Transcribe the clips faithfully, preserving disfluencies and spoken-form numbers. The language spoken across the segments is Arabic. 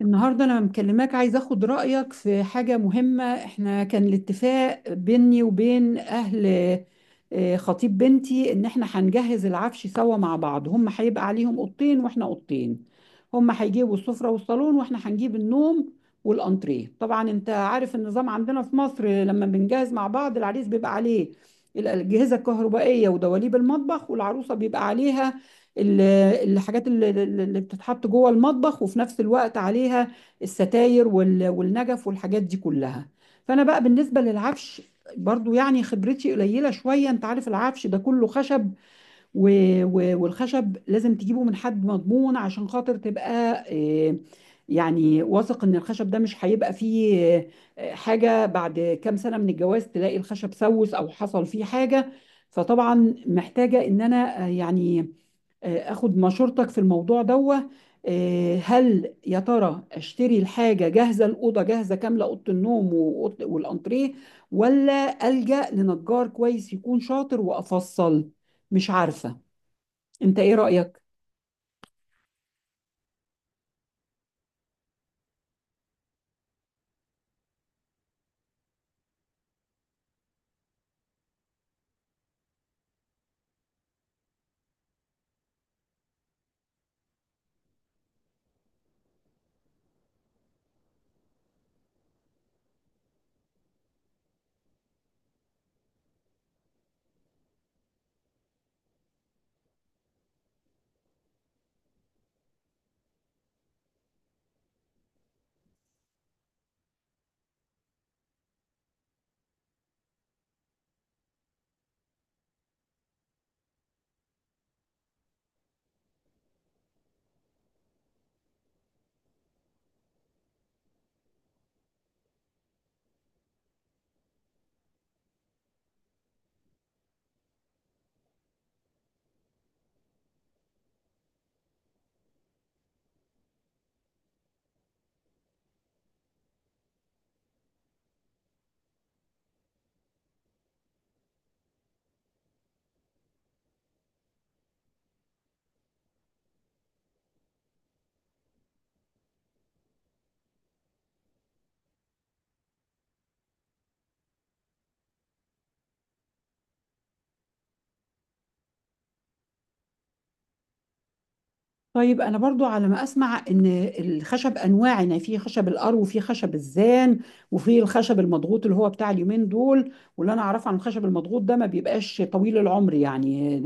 النهاردة أنا مكلماك، عايز أخد رأيك في حاجة مهمة. إحنا كان الاتفاق بيني وبين أهل آه، خطيب بنتي إن إحنا هنجهز العفش سوا مع بعض. هم هيبقى عليهم أوضتين وإحنا أوضتين. هم هيجيبوا السفرة والصالون وإحنا هنجيب النوم والأنتريه. طبعا أنت عارف النظام عندنا في مصر، لما بنجهز مع بعض العريس بيبقى عليه الأجهزة الكهربائية ودواليب المطبخ، والعروسة بيبقى عليها ال- الحاجات اللي اللي بتتحط جوه المطبخ، وفي نفس الوقت عليها الستاير وال- والنجف والحاجات دي كلها. فانا بقى بالنسبه للعفش برضو يعني خبرتي قليله شويه، انت عارف العفش ده كله خشب و... و... والخشب لازم تجيبه من حد مضمون عشان خاطر تبقى آه، يعني واثق ان الخشب ده مش هيبقى فيه آه، حاجه، بعد كام سنه من الجواز تلاقي الخشب سوس او حصل فيه حاجه. فطبعا محتاجه ان انا آه، يعني آه، اخد مشورتك في الموضوع دوه. آه، هل يا ترى اشتري الحاجه جاهزه، الاوضه جاهزه كامله، اوضه النوم وأوضة- والانتريه، ولا الجا لنجار كويس يكون شاطر وافصل؟ مش عارفه، انت ايه رايك؟ طيب انا برضو على ما اسمع ان الخشب انواع، يعني في خشب القرو وفي خشب الزان وفي الخشب المضغوط اللي هو بتاع اليومين دول. واللي انا اعرفه عن الخشب المضغوط ده ما بيبقاش طويل العمر، يعني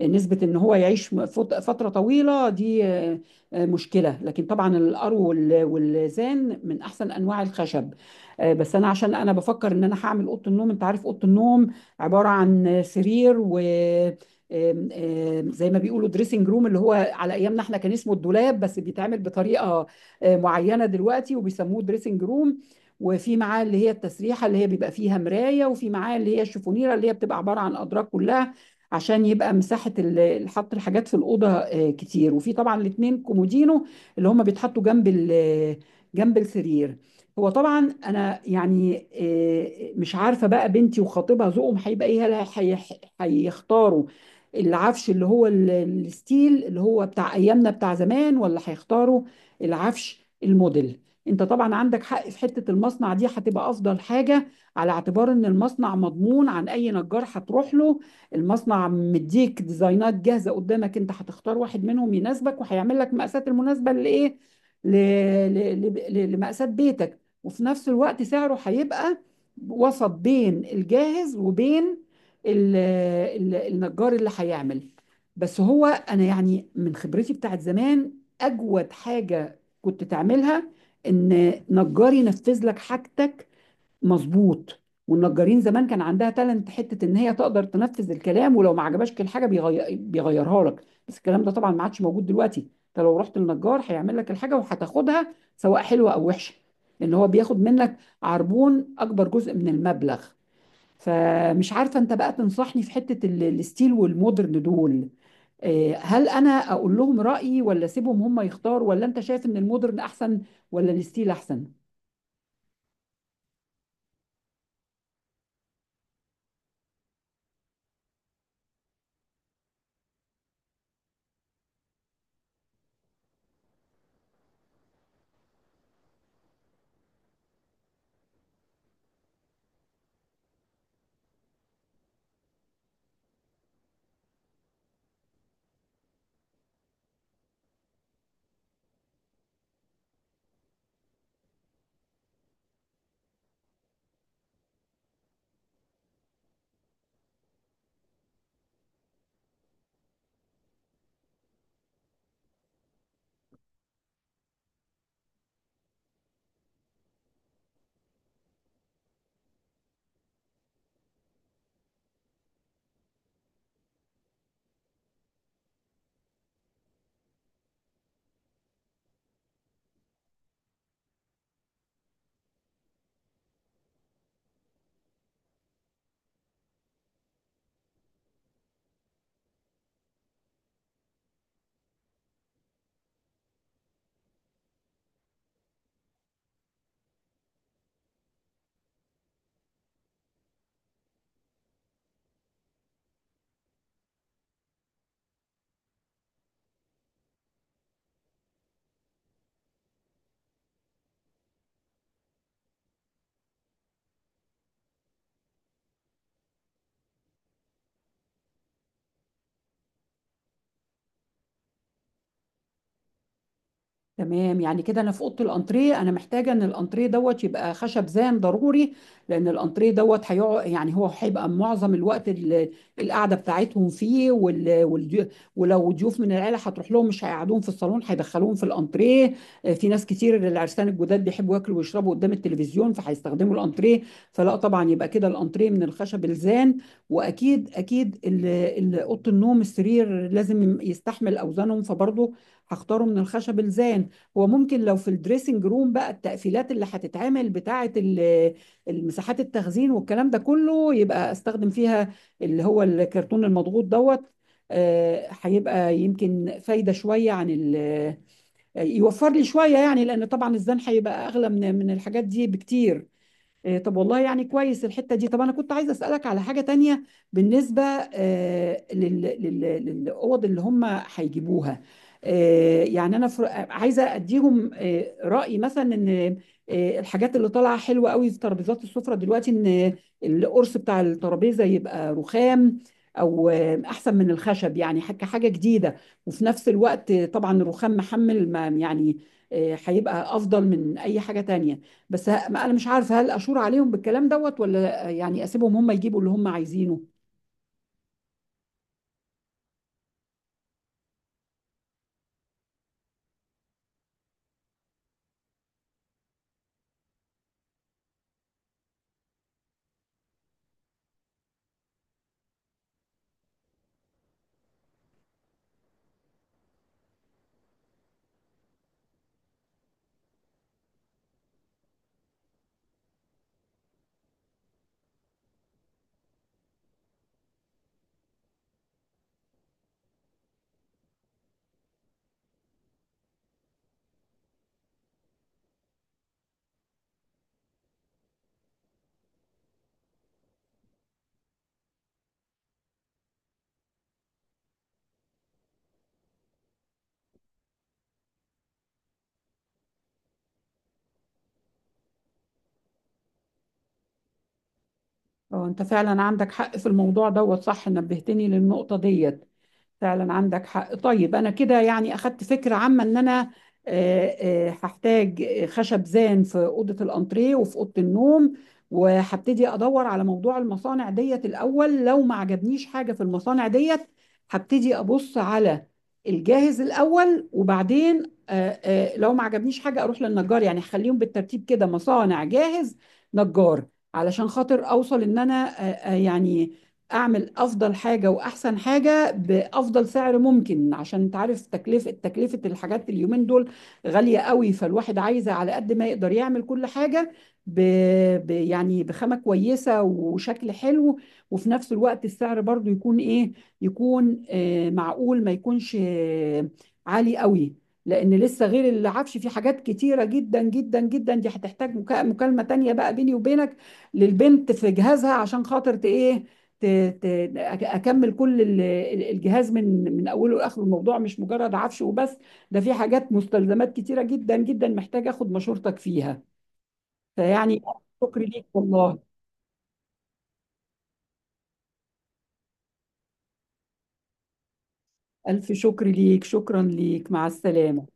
نسبة ان هو يعيش فت- فترة طويلة دي آه، آه، مشكلة. لكن طبعا القرو وال- والزان من احسن انواع الخشب. آه، بس انا عشان انا بفكر ان انا هعمل اوضه النوم، انت عارف اوضه النوم عبارة عن سرير و آم، آم، زي ما بيقولوا دريسنج روم، اللي هو على ايامنا احنا كان اسمه الدولاب، بس بيتعمل بطريقه آه، معينه دلوقتي وبيسموه دريسنج روم. وفي معاه اللي هي التسريحه اللي هي بيبقى فيها مرايه، وفي معاه اللي هي الشفونيره اللي هي بتبقى عباره عن ادراج كلها عشان يبقى مساحه ال- حط الحاجات في الاوضه آه، كتير. وفي طبعا الاثنين كومودينو اللي هم بيتحطوا جنب ال- جنب السرير. هو طبعا انا يعني آه، مش عارفه بقى بنتي وخطيبها ذوقهم هيبقى ايه، هل هي- هيختاروا العفش اللي هو ال- الستيل اللي هو بتاع ايامنا بتاع زمان، ولا هيختاروا العفش الموديل. انت طبعا عندك حق، في حتة المصنع دي هتبقى افضل حاجة على اعتبار ان المصنع مضمون عن اي نجار هتروح له. المصنع مديك ديزاينات جاهزة قدامك، انت هتختار واحد منهم يناسبك وهيعمل لك مقاسات المناسبة لايه، ل- ل- ل- لمقاسات بيتك. وفي نفس الوقت سعره هيبقى وسط بين الجاهز وبين ال- ال- النجار اللي هيعمل. بس هو انا يعني من خبرتي بتاعت زمان، اجود حاجة كنت تعملها ان نجار ينفذ لك حاجتك مظبوط. والنجارين زمان كان عندها تالنت، حتة ان هي تقدر تنفذ الكلام، ولو ما عجبهاش الحاجة بيغير بيغيرها لك. بس الكلام ده طبعا ما عادش موجود دلوقتي. انت لو رحت للنجار هيعمل لك الحاجة وهتاخدها سواء حلوة او وحشة، ان هو بياخد منك عربون اكبر جزء من المبلغ. فمش عارفة، انت بقى تنصحني في حتة ال- الستيل والمودرن دول. آه، هل انا اقول لهم رأيي، ولا اسيبهم هم يختاروا، ولا انت شايف ان المودرن احسن ولا الستيل احسن؟ تمام، يعني كده انا في اوضه الانتريه انا محتاجه ان الانتريه دوت يبقى خشب زان ضروري، لان الانتريه دوت هيقعد يعني هو هيبقى معظم الوقت ال- القعده بتاعتهم فيه. وال... والضيو- ولو ضيوف من العيله هتروح لهم مش هيقعدوهم في الصالون، هيدخلوهم في الانتريه. آه، في ناس كتير العرسان الجداد بيحبوا ياكلوا ويشربوا قدام التلفزيون فهيستخدموا الانتريه. فلا طبعا يبقى كده الانتريه من الخشب الزان. واكيد اكيد ال- ال- اوضه النوم السرير لازم يستحمل اوزانهم، فبرضه هختاره من الخشب الزان. وممكن لو في الدريسنج روم بقى التقفيلات اللي هتتعمل بتاعة ال- المساحات التخزين والكلام ده كله، يبقى استخدم فيها اللي هو الكرتون المضغوط دوت. آه، هيبقى يمكن فايدة شوية عن ال- يوفر لي شوية، يعني لأن طبعا الزن هيبقى أغلى من من الحاجات دي بكتير. آه، طب والله يعني كويس الحتة دي. طب أنا كنت عايزة أسألك على حاجة تانية بالنسبة آه، لل- لل- للأوض اللي هم هيجيبوها. آه، يعني أنا فر- عايزة أديهم آه، رأي، مثلا إن آه، الحاجات اللي طالعة حلوة قوي في ترابيزات السفرة دلوقتي، إن القرص بتاع الترابيزة يبقى رخام، أو آه، أحسن من الخشب، يعني حاجة حاجة جديدة. وفي نفس الوقت طبعا الرخام محمل، ما يعني آه، هيبقى أفضل من أي حاجة تانية. بس ه- ما انا مش عارفه هل اشور عليهم بالكلام دوت، ولا يعني اسيبهم هم يجيبوا اللي هم عايزينه. اه، انت فعلا عندك حق في الموضوع دوت، صح، نبهتني للنقطه ديت. فعلا عندك حق. طيب انا كده يعني اخدت فكره عامه ان انا آه، آه، هحتاج خشب زان في اوضه الانتريه وفي اوضه النوم. وهبتدي ادور على موضوع المصانع ديت الاول، لو ما عجبنيش حاجه في المصانع ديت هبتدي ابص على الجاهز الاول، وبعدين آه، آه، لو ما عجبنيش حاجه اروح للنجار. يعني هخليهم بالترتيب كده، مصانع، جاهز، نجار، علشان خاطر اوصل ان انا آه، آه، يعني اعمل افضل حاجه واحسن حاجه بيها بافضل سعر ممكن. عشان انت عارف تكلفه تكلفه الحاجات اليومين دول غاليه قوي، فالواحد عايز على قد ما يقدر يعمل كل حاجه ب... ب... يعني بخامه كويسه وشكل حلو، وفي نفس الوقت السعر برضو يكون ايه، يكون آه معقول، ما يكونش آه عالي قوي. لان لسه غير العفش في حاجات كتيره جدا جدا جدا، دي هتحتاج مكا- مكالمه تانية بقى بيني وبينك للبنت في جهازها، عشان خاطر ت- ايه ت- ت- أك- اكمل كل ال- ال- الجهاز من من اوله لاخره. الموضوع مش مجرد عفش وبس، ده في حاجات مستلزمات كتيره جدا جدا محتاج اخد مشورتك فيها فيعني. شكر ليك والله، الف شكر ليك، شكرا ليك، مع السلامه.